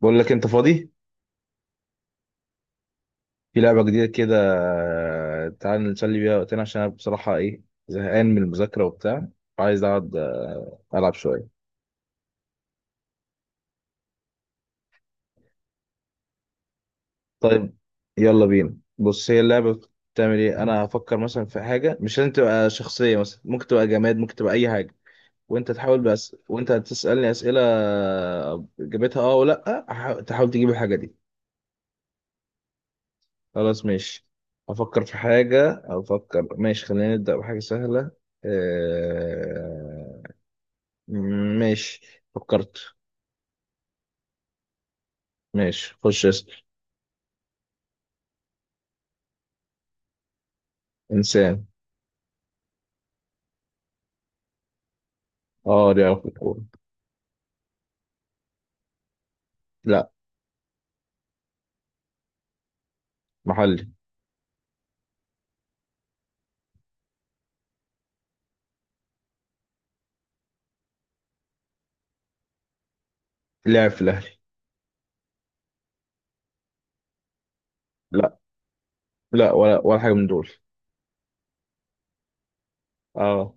بقول لك انت فاضي. في لعبه جديده كده. تعال نسلي بيها وقتنا، عشان انا بصراحه ايه، زهقان من المذاكره وبتاع وعايز اقعد، العب شويه. طيب يلا بينا، بص هي اللعبه بتعمل ايه. انا هفكر مثلا في حاجه، مش لازم تبقى شخصيه، مثلا ممكن تبقى جماد، ممكن تبقى اي حاجه، وانت تحاول. بس وانت هتسالني اسئله، اجابتها اه ولا تحاول تجيب الحاجه دي. خلاص ماشي، افكر في حاجه. افكر ماشي، خلينا نبدا بحاجه سهله. آه. ماشي فكرت. ماشي خش اسأل. إنسان. اه لعب في الكورة. لا، محلي. لعب في الأهلي. لا، لا ولا ولا حاجة من دول. اه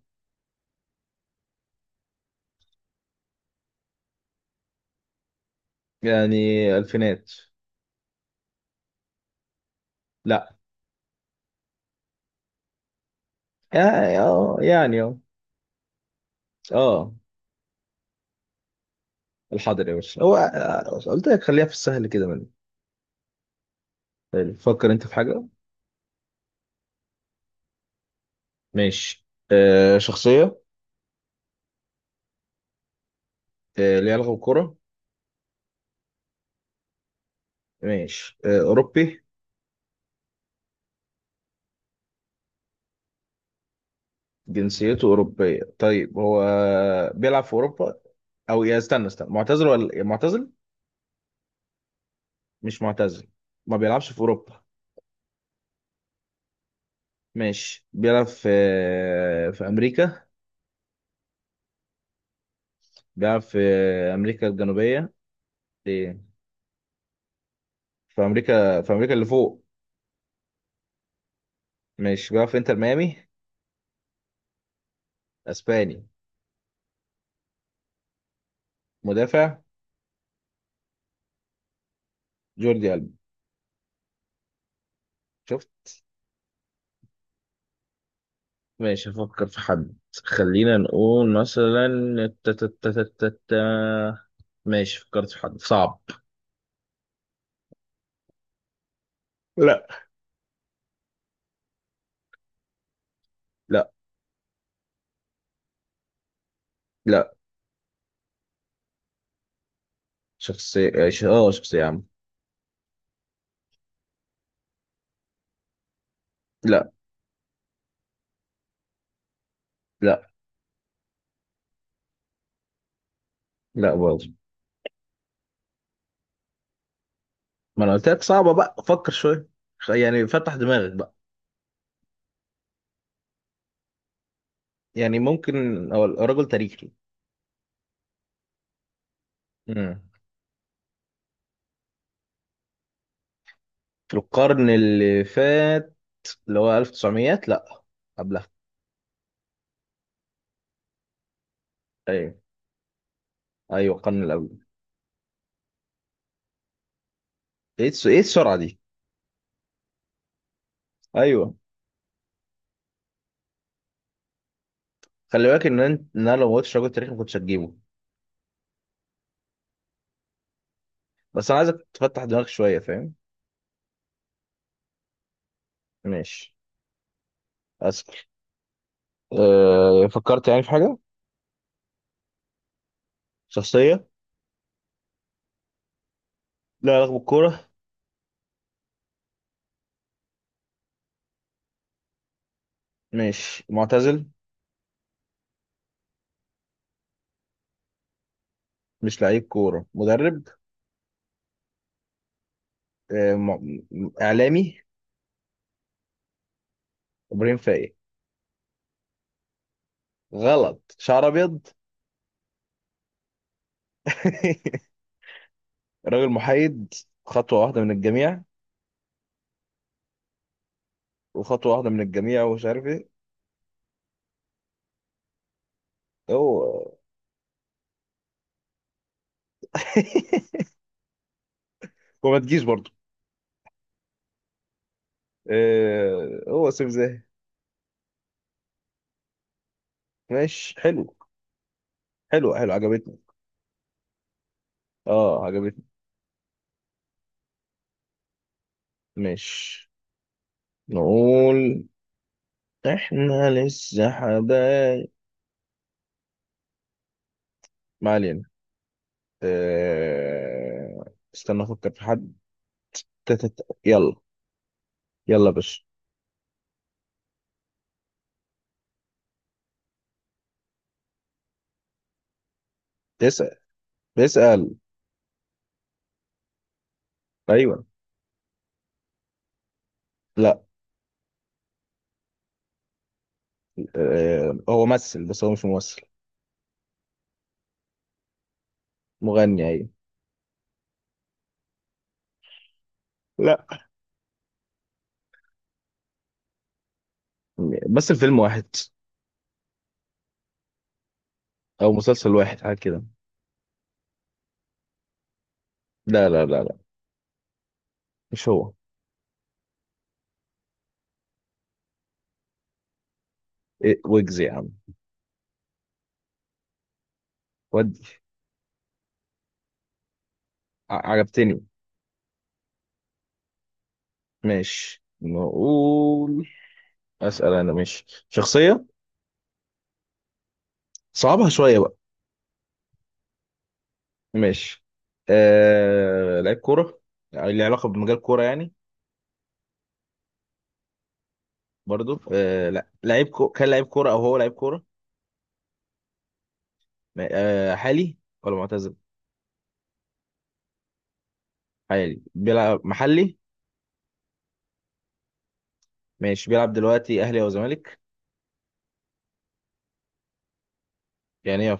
يعني ألفينات. لا، يعني اه يعني اه. اه. الحاضر يا باشا هو، قلت لك خليها في السهل كده من. حلو. فكر أنت في حاجة. ماشي. آه شخصية. آه ليها علاقة بالكورة. ماشي. آه أوروبي. جنسيته أوروبية. طيب هو بيلعب في أوروبا، او يا استنى استنى، معتزل ولا معتزل؟ مش معتزل. ما بيلعبش في اوروبا. ماشي بيلعب في، في امريكا. بيلعب في امريكا الجنوبيه. إيه؟ في امريكا، في امريكا اللي فوق. ماشي بيلعب في انتر ميامي. اسباني. مدافع. جوردي ألبا. شفت. ماشي افكر في حد. خلينا نقول مثلا، تا- تا- تا- تا- تا- تا. ماشي فكرت في حد صعب. لا. لا. لا. شخصية. اه شخصية يا عم. لا. لا. لا برضه. ما انا قلت لك صعبه بقى، فكر شويه. يعني فتح دماغك بقى. يعني ممكن. هو رجل تاريخي. امم، في القرن اللي فات، اللي هو 1900، لا قبلها. ايوه. ايوه القرن اللي قبله. ايه السرعه دي؟ ايوه. خلي بالك ان انت ان انا لو ما قلتش رجل تاريخي ما كنتش هتجيبه. بس انا عايزك تفتح دماغك شويه، فاهم؟ ماشي. اسال. أه فكرت يعني في حاجه. شخصيه. لا علاقه بالكوره. ماشي معتزل. مش لعيب كوره، مدرب. أه اعلامي. ابراهيم فايق. غلط. شعر ابيض. راجل محايد، خطوه واحده من الجميع، وخطوه واحده من الجميع، ومش عارف ايه. هو. وما تجيش برضو. إيه هو سيف زاهي. ماشي حلو. حلو حلو، عجبتني. اه عجبتني. ماشي نقول، احنا لسه حبايب. ما علينا. إيه، استنى افكر في حد. يلا. يلا يا باشا. اسال. اسال. ايوه. لا. إيه هو ممثل، بس هو مش ممثل. مغني، ايوه. لا. بس الفيلم واحد، او مسلسل واحد حاجه كده. لا لا لا لا، مش هو. إيه ويجز يا عم، ود. عجبتني. ماشي نقول. اسال انا ماشي. شخصيه. صعبها شويه بقى. ماشي. لعيب كوره. ليه علاقه بمجال كوره يعني. برضو لا، كان لعيب كوره او هو لعيب كوره. حالي ولا معتزل. حالي، بيلعب محلي. ماشي بيلعب دلوقتي اهلي او زمالك. يعني ايه.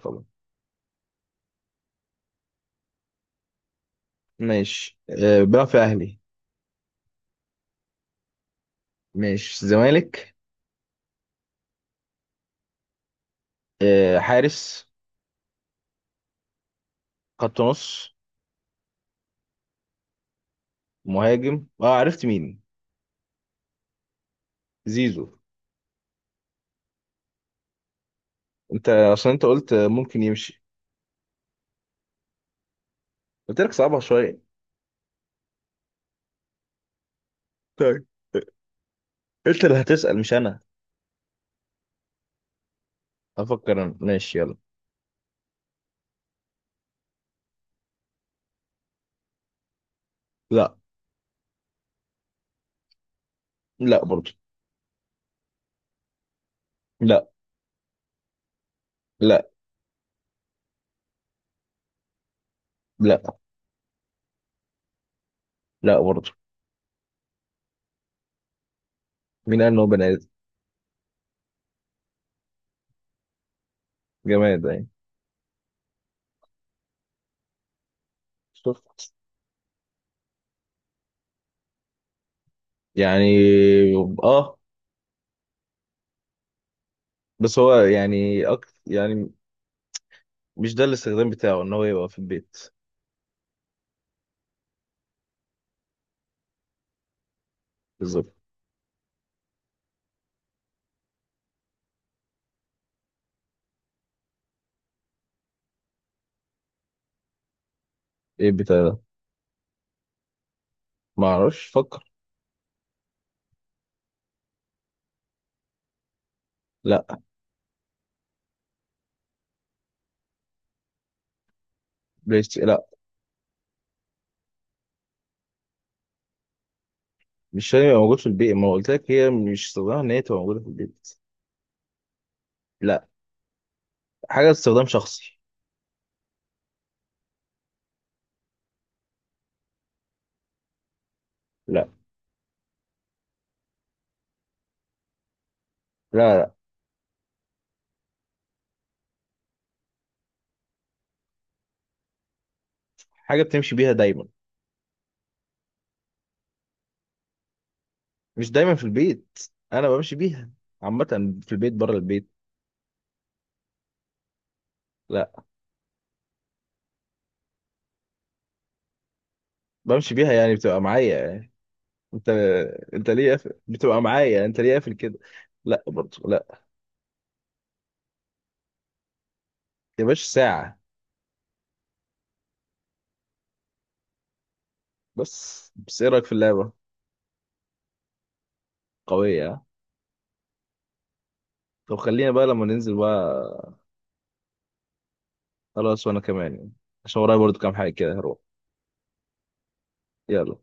ماشي. أه بيلعب في اهلي. ماشي زمالك. أه حارس. خط نص. مهاجم. اه عرفت مين. زيزو. انت عشان انت قلت ممكن يمشي. قلت لك صعبها شويه. طيب انت اللي هتسأل مش انا. افكر انا ماشي، يلا. لا. لا برضه. لا. لا. لا. لا برضه. مين قال ان هو بني ادم. جماد يعني. شفت. يعني اه. بس هو يعني يعني مش ده الاستخدام بتاعه ان هو يبقى في البيت. بالظبط. ايه بتاع. ما اعرفش، فكر. لا. بلاي ستيشن لا. مش هيبقى موجود في البيت، ما قلت لك هي مش استخدامها ان هي تبقى موجوده في البيت. لا. حاجه استخدام شخصي. لا. لا. لا. حاجه بتمشي بيها دايما. مش دايما في البيت، انا بمشي بيها عامه، في البيت بره البيت. لا. بمشي بيها يعني بتبقى معايا يعني. انت انت ليه قافل؟ بتبقى معايا يعني. انت ليه قافل كده. لا برضه. لا. يا باشا ساعه. بس، ايه رايك في اللعبه؟ قويه ها؟ طب خلينا بقى لما ننزل بقى. خلاص وانا كمان يعني. عشان ورايا برضه كام حاجه كده هروح. يلا.